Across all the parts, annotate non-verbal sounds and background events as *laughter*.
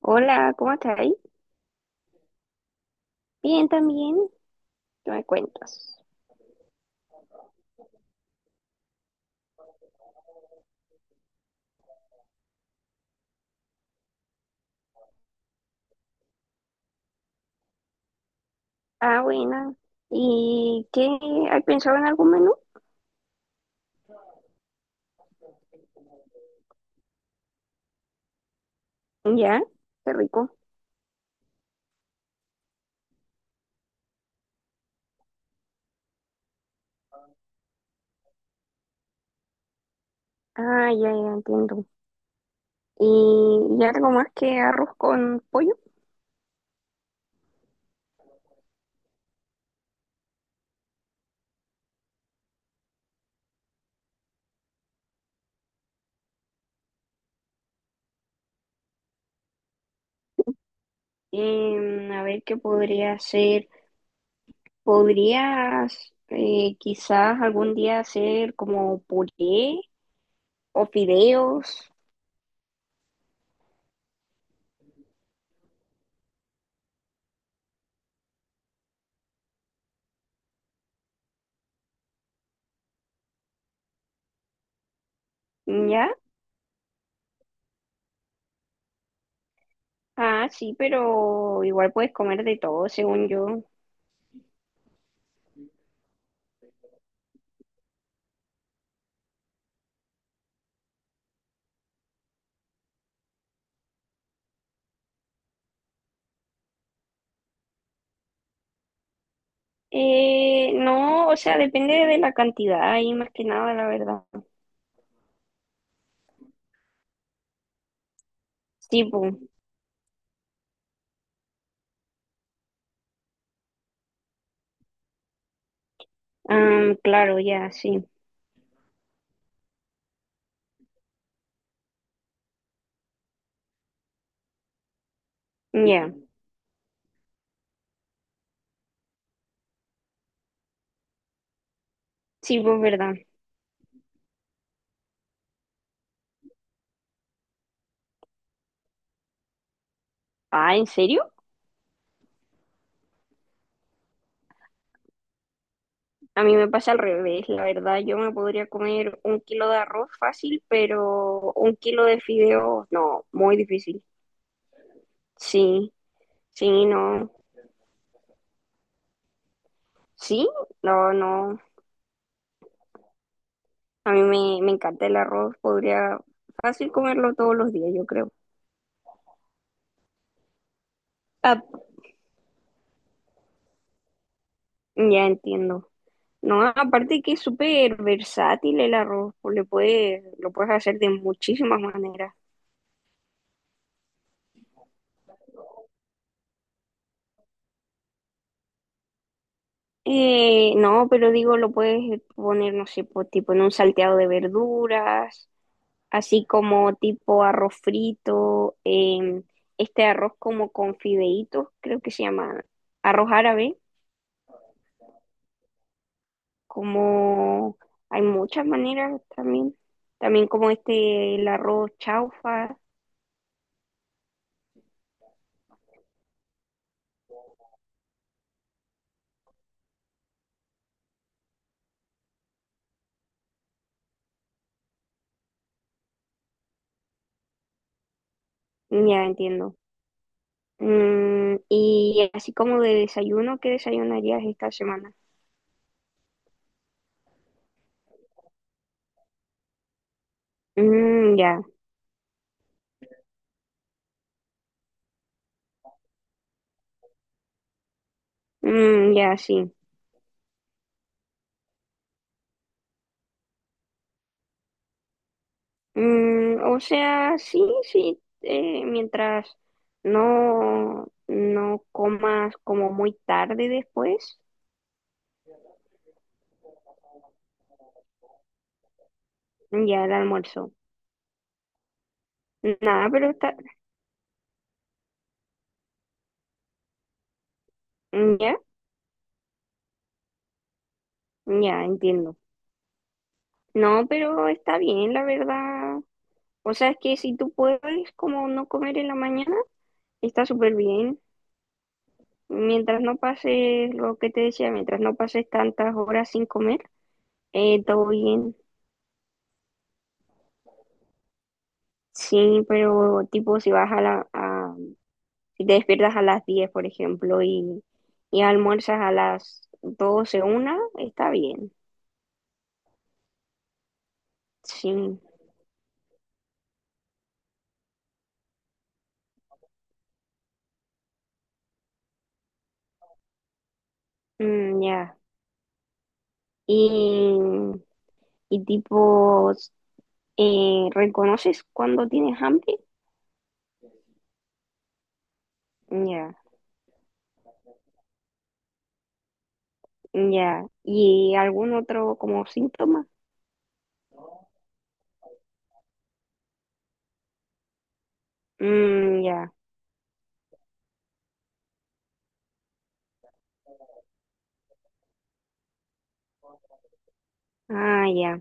Hola, ¿cómo estás ahí? Bien, también. ¿Qué me cuentas? Ah, buena. ¿Y qué? ¿Has pensado en algún menú? Ya, qué rico. Ah, ya, ya entiendo. ¿Y, y algo más que arroz con pollo? A ver qué podría hacer. ¿Podrías quizás algún día hacer como puré o fideos? ¿Ya? Ah, sí, pero igual puedes comer de todo, según yo. No, o sea, depende de la cantidad ahí más que nada, la verdad. Sí, pues, ah, claro, ya, sí, ya, sí, pues, verdad. Ah, ¿en serio? A mí me pasa al revés, la verdad, yo me podría comer un kilo de arroz fácil, pero un kilo de fideo, no, muy difícil. Sí, sí, no, sí, no, no, a mí me encanta el arroz, podría fácil comerlo todos los días, yo creo. Ah, ya entiendo. No, aparte que es súper versátil el arroz, pues le puedes, lo puedes hacer de muchísimas maneras. No, pero digo, lo puedes poner, no sé, pues, tipo en un salteado de verduras, así como tipo arroz frito, em, este arroz como con fideitos, creo que se llama arroz árabe, como hay muchas maneras también, también como este, el arroz chaufa, ya entiendo. Mm, y así como de desayuno, ¿qué desayunarías esta semana? Mm, ya. Mm, ya, sí. Mm, o sea, sí, sí, mientras no comas como muy tarde después, ya el almuerzo. Nada, pero está, mm, ya, ya, entiendo. No, pero está bien, la verdad. O sea, es que si tú puedes como no comer en la mañana, está súper bien. Mientras no pases lo que te decía, mientras no pases tantas horas sin comer, todo bien. Sí, pero tipo si vas a la, a- si te despiertas a las 10 por ejemplo, y almuerzas a las doce una, está bien. Sí, mm, ya. Y, y tipo, ¿reconoces cuando tienes hambre? Ya, ya. ¿Y algún otro como síntoma? Mm, ya. Ah, ya.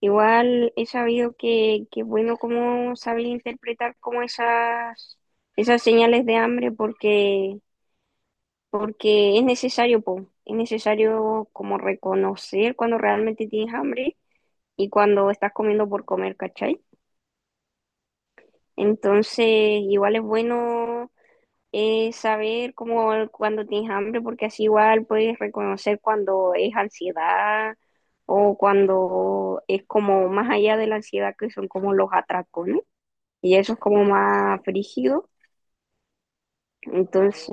Igual he sabido que es bueno como saber interpretar como esas, esas señales de hambre porque, porque es necesario, po. Es necesario como reconocer cuando realmente tienes hambre y cuando estás comiendo por comer, ¿cachai? Entonces, igual es bueno. Saber cómo cuando tienes hambre, porque así igual puedes reconocer cuando es ansiedad o cuando es como más allá de la ansiedad que son como los atracones y eso es como más frígido. Entonces,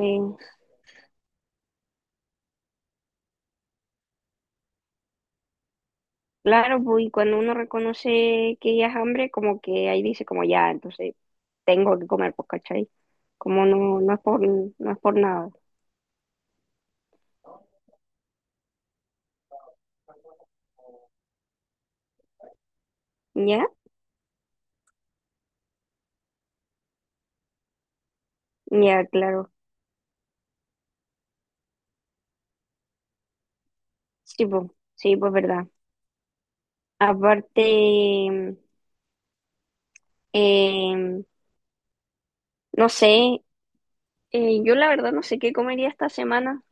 claro, pues y cuando uno reconoce que ya es hambre, como que ahí dice como ya, entonces tengo que comer, pues, ¿cachai? Como no, no es por, no es por nada. ¿Ya? Ya, claro. Sí, pues, sí, pues verdad. Aparte, Em, no sé, yo la verdad no sé qué comería esta semana.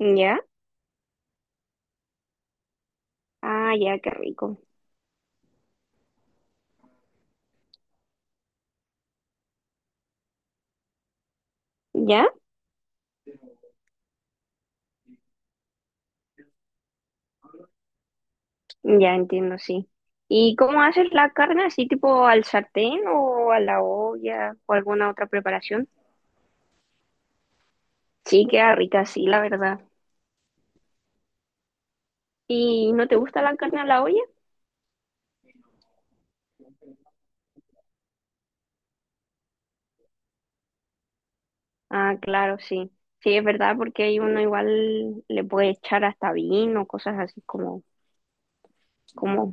¿Ya? Ah, ya, qué rico. ¿Ya? Ya entiendo, sí. ¿Y cómo haces la carne? ¿Así tipo al sartén o a la olla o alguna otra preparación? Sí, queda rica, sí, la verdad. ¿Y no te gusta la carne a la olla? Ah, claro, sí. Sí, es verdad, porque ahí uno igual le puede echar hasta vino, cosas así como, como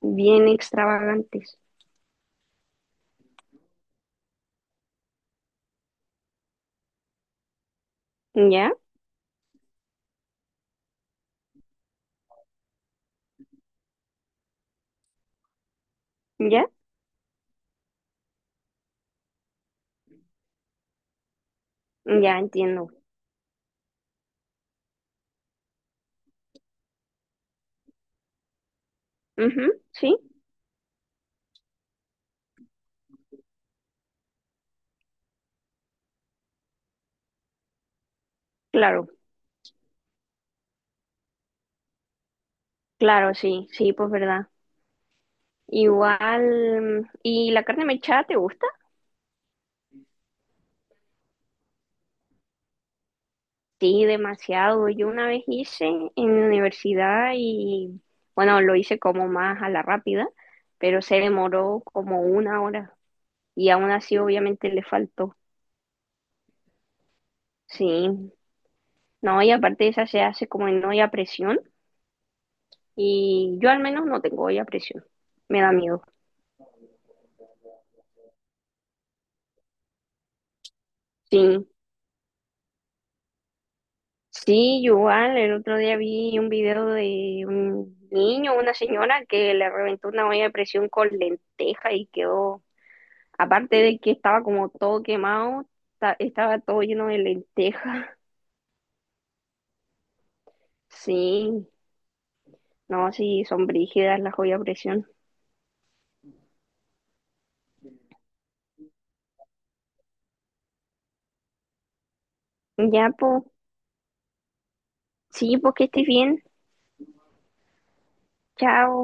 bien extravagantes. ¿Ya? ¿Ya? Ya entiendo. Ujú, sí, claro, claro, sí, sí, pues verdad. Igual, mm, ¿y la carne mechada te gusta? Sí, demasiado. Yo una vez hice en la universidad y, bueno, lo hice como más a la rápida, pero se demoró como una hora y aún así obviamente le faltó. Sí, no, y aparte esa se hace como en olla a presión y yo al menos no tengo olla a presión, me da miedo. Sí, sí, igual, el otro día vi un video de un niño, una señora que le reventó una olla de presión con lenteja y quedó, aparte de que estaba como todo quemado, ta- estaba todo lleno de lenteja. *laughs* Sí, no, sí, son brígidas las ollas de presión. Ya, pues, sí, pues que estés bien. Chao.